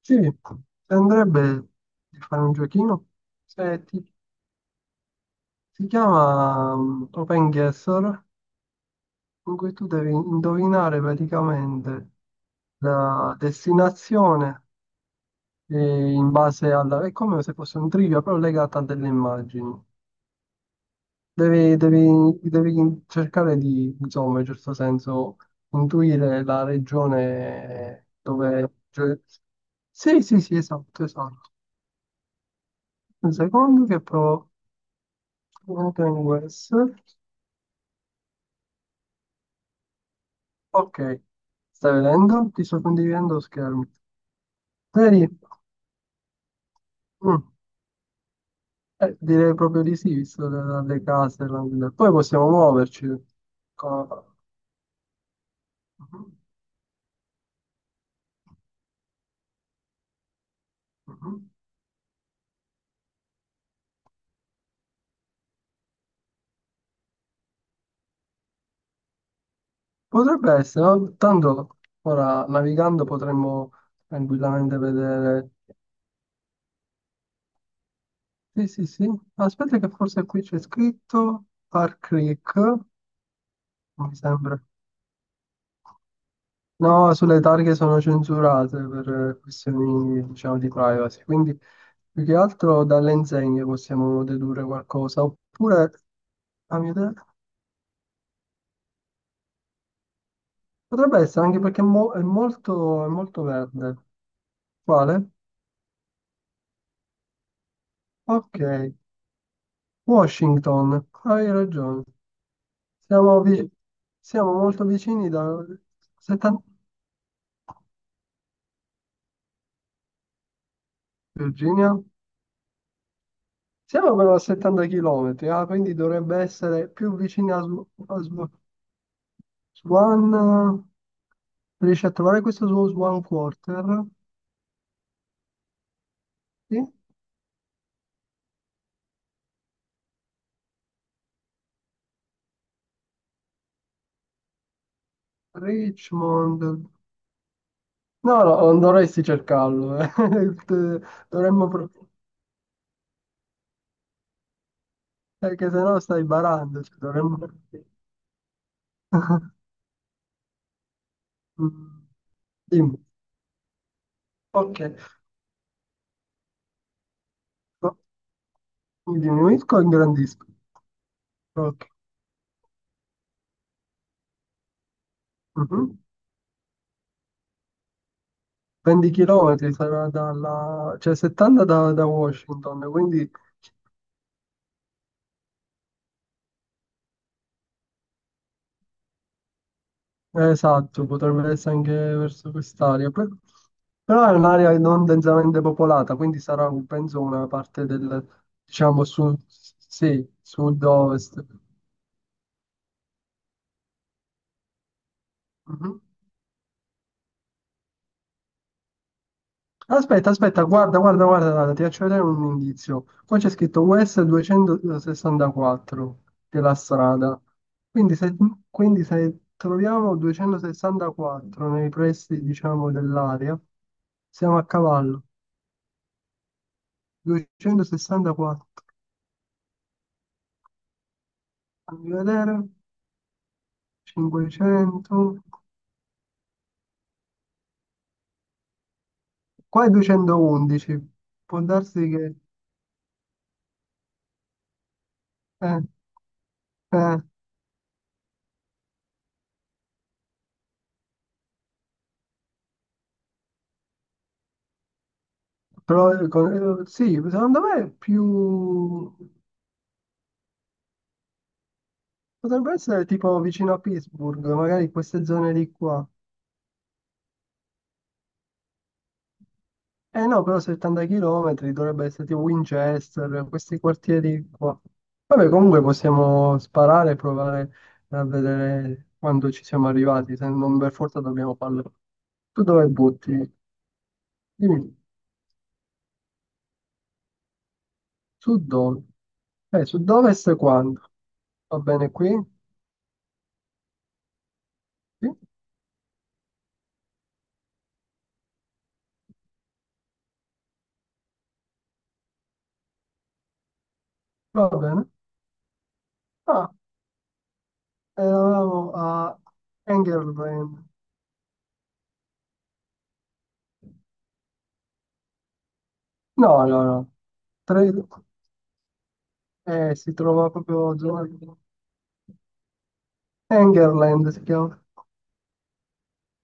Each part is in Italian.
Sì, ti andrebbe di fare un giochino? Se ti, Si chiama Open Guesser, in cui tu devi indovinare praticamente la destinazione in base alla... È come se fosse un trivia, però legata a delle immagini. Devi cercare di, insomma, in certo senso, intuire la regione dove... Cioè... Sì, sì, sì, esatto, esatto. Un secondo che provo... Open OS. Ok, stai vedendo? Ti sto condividendo lo schermo. Vedi? Mm, Direi proprio di sì, visto le, dalle case. Poi possiamo muoverci. Co- Mhm, mhm. Potrebbe essere, no? Tanto ora navigando potremmo tranquillamente vedere. Sì, sì, sì. Aspetta che forse qui c'è scritto Park Creek, mi sembra. No, sulle targhe sono censurate per questioni, diciamo, di privacy, quindi più che altro dalle insegne possiamo dedurre qualcosa, oppure, a mio idea, potrebbe essere anche perché è, è molto verde. Quale? Ok, Washington, hai ragione. Siamo, vi- siamo molto vicini da 70. Virginia? Siamo però a 70 km, ah, quindi dovrebbe essere più vicini a, Swan, riesci a trovare questo suo Swan Quarter? Sì? Richmond. No, no, non dovresti cercarlo. Te- Dovremmo... Perché sennò stai barando. Cioè, dovremmo... Mm, Dimmi. Ok. No, mi diminuisco e ingrandisco. Ok. Mhm. 20 km sarà dalla... cioè 70 da, da Washington, quindi esatto, potrebbe essere anche verso quest'area. Però è un'area non densamente popolata, quindi sarà, penso, una parte del, diciamo, sud, sì, sud-ovest. Mhm. Aspetta, aspetta, guarda, ti faccio vedere un indizio. Qua c'è scritto US 264 della strada. Quindi se, quindi se troviamo 264 nei pressi, diciamo, dell'area, siamo a cavallo. 264. Fammi vedere. 500. Qua è 211. Può darsi che... eh, eh, sì, secondo me è più... Potrebbe essere tipo vicino a Pittsburgh, magari queste zone di qua. Eh no, però 70 km dovrebbe essere tipo Winchester, questi quartieri qua. Vabbè, comunque possiamo sparare e provare a vedere quando ci siamo arrivati, se non per forza dobbiamo farlo. Tu dove butti? Dimmi. Sud-ovest. Sud-ovest quando? Va bene qui? Sì, va bene. Ah, eravamo a Engerland. No, no, no. Tre- si trova proprio... Engerland si chiama.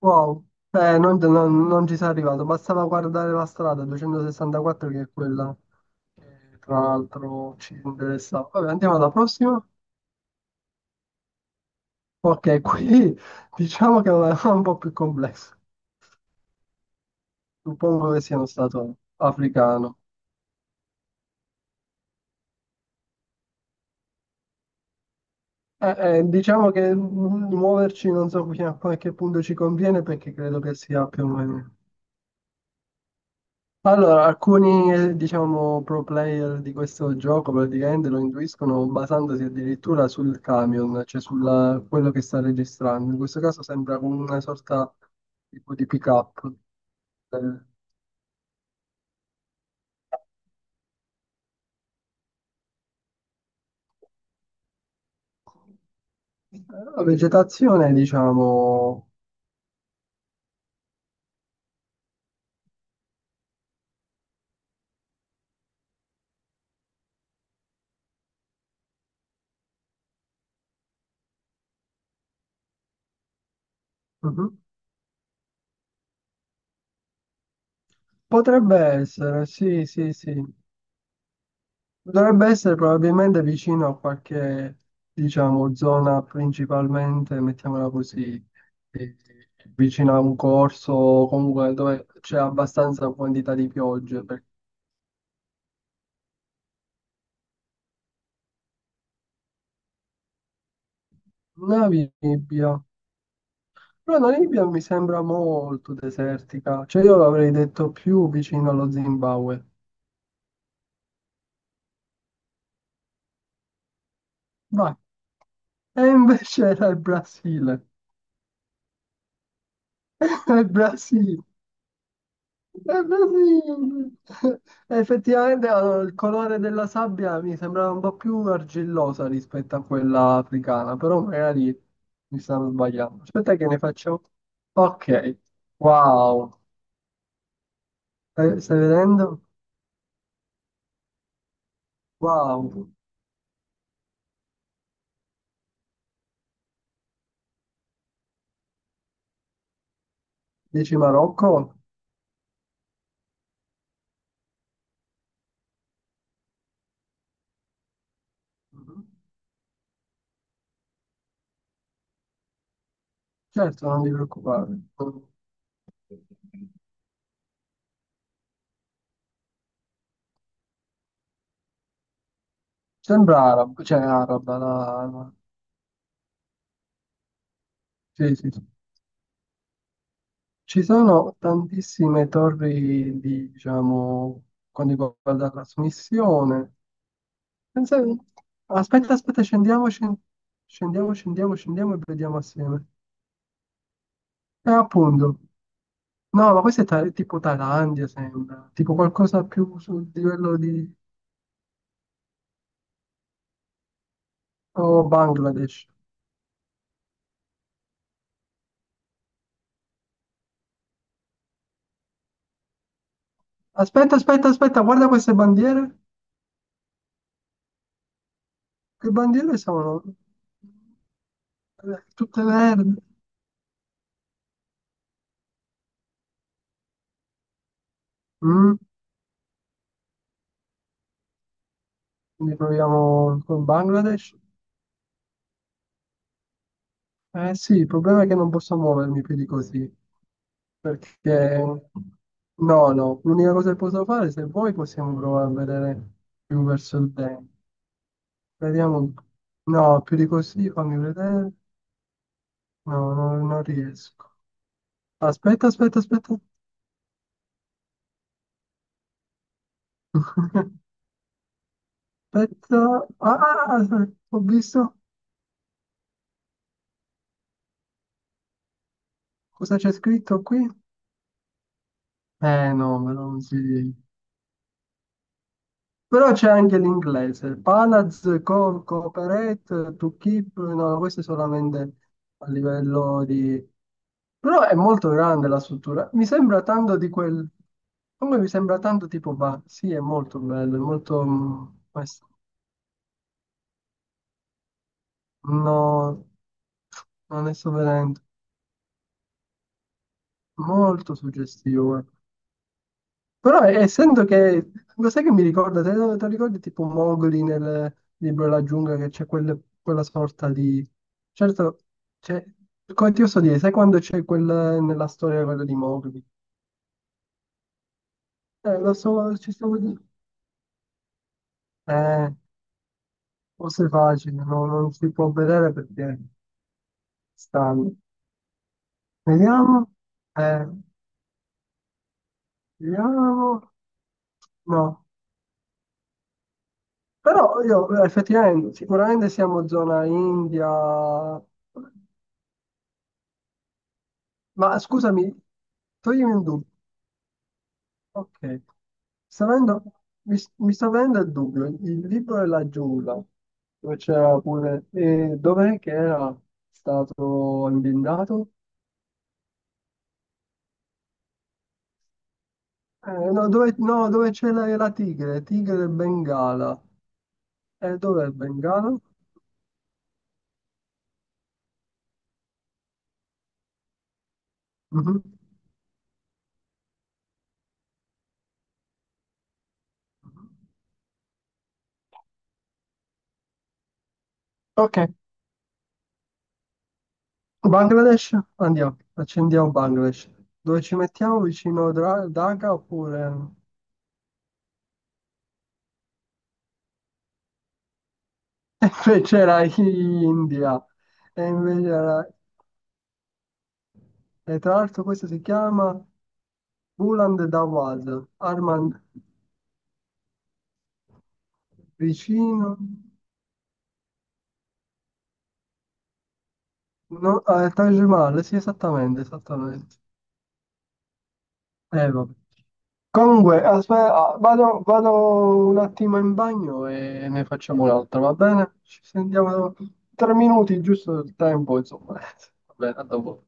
Wow. Non ci sei arrivato. Bastava guardare la strada 264 che è quella che tra l'altro ci interessava. Vabbè, andiamo alla prossima. Ok, qui diciamo che è un po' più complesso. Suppongo che sia uno stato africano. Diciamo che muoverci non so fino a qualche punto ci conviene perché credo che sia più o meno. Allora, alcuni diciamo pro player di questo gioco praticamente lo intuiscono basandosi addirittura sul camion, cioè su quello che sta registrando. In questo caso sembra come una sorta tipo di pick-up. Eh, La vegetazione, diciamo, mhm. Potrebbe essere, sì, sì, sì. Dovrebbe essere probabilmente vicino a qualche, diciamo, zona principalmente, mettiamola così, eh, vicino a un corso o comunque dove c'è abbastanza quantità di piogge. Una Namibia, però la Namibia mi sembra molto desertica, cioè io l'avrei detto più vicino allo Zimbabwe. Vai. E invece era il Brasile. Era il Brasile. Beh, sì. Effettivamente il colore della sabbia mi sembrava un po' più argillosa rispetto a quella africana, però magari mi stanno sbagliando. Aspetta che ne faccio. Ok, wow. Stai vedendo? Wow. Dici Marocco? Mhm. Certo, non ti preoccupare. Sembra arabo, cioè araba. Sì, sì, sì. Ci sono tantissime torri di, diciamo, quando riguarda la trasmissione. Pensa- Aspetta, aspetta, scendiamo, scendiamo, scendiamo e vediamo assieme. E appunto, no, ma questo è tipo Thailandia, sembra, tipo qualcosa più sul livello di oh, Bangladesh. Aspetta, aspetta, aspetta, guarda queste bandiere. Che bandiere sono? Tutte verdi. Mm, Quindi proviamo con Bangladesh. Eh sì, il problema è che non posso muovermi più di così, perché no, no, l'unica cosa che posso fare, se vuoi possiamo provare a vedere più verso il dentro. Vediamo, un po'. No, più di così, fammi vedere, no, no, non riesco. Aspetta, aspetta, ah, ho visto cosa c'è scritto qui? Eh no, ma non si... Però c'è anche l'inglese, Palaz, Cooperate, To Keep, no, questo è solamente a livello di... Però è molto grande la struttura, mi sembra tanto di quel... Come mi sembra tanto tipo, bah, sì, è molto bello, è molto... questo. No, non ne sto vedendo, molto suggestivo. Però essendo che, lo sai che mi ricorda, te lo ricordi tipo Mowgli nel libro della giungla che c'è quella sorta di... Certo, c'è, come ti posso dire, sai quando c'è quel, nella storia quella di Mowgli? Lo so, ci stavo dicendo. Eh, forse è facile, no? Non si può vedere perché stanno. Vediamo, eh, vediamo, no. Però io effettivamente, sicuramente siamo zona India. Ma scusami, toglimi un dubbio. Ok, sta venendo- mi sta venendo il dubbio. Il libro della giungla, dove c'era pure... E dov'è che era stato imbindato? No, dove, no, dove c'è la tigre, tigre del Bengala. E dov'è il Bengala? Mhm. Ok, Bangladesh, andiamo, accendiamo Bangladesh. Dove ci mettiamo vicino Dhaka oppure... Cioè, c'era India e invece era... E tra l'altro questo si chiama Buland Dawaz, Armand vicino, no, Taj Mahal, sì esattamente, esattamente. Vabbè. Comunque, aspetta, vado, vado un attimo in bagno e ne facciamo un'altra, va bene? Ci sentiamo tra 3 minuti, giusto il tempo, insomma. Va bene, a dopo.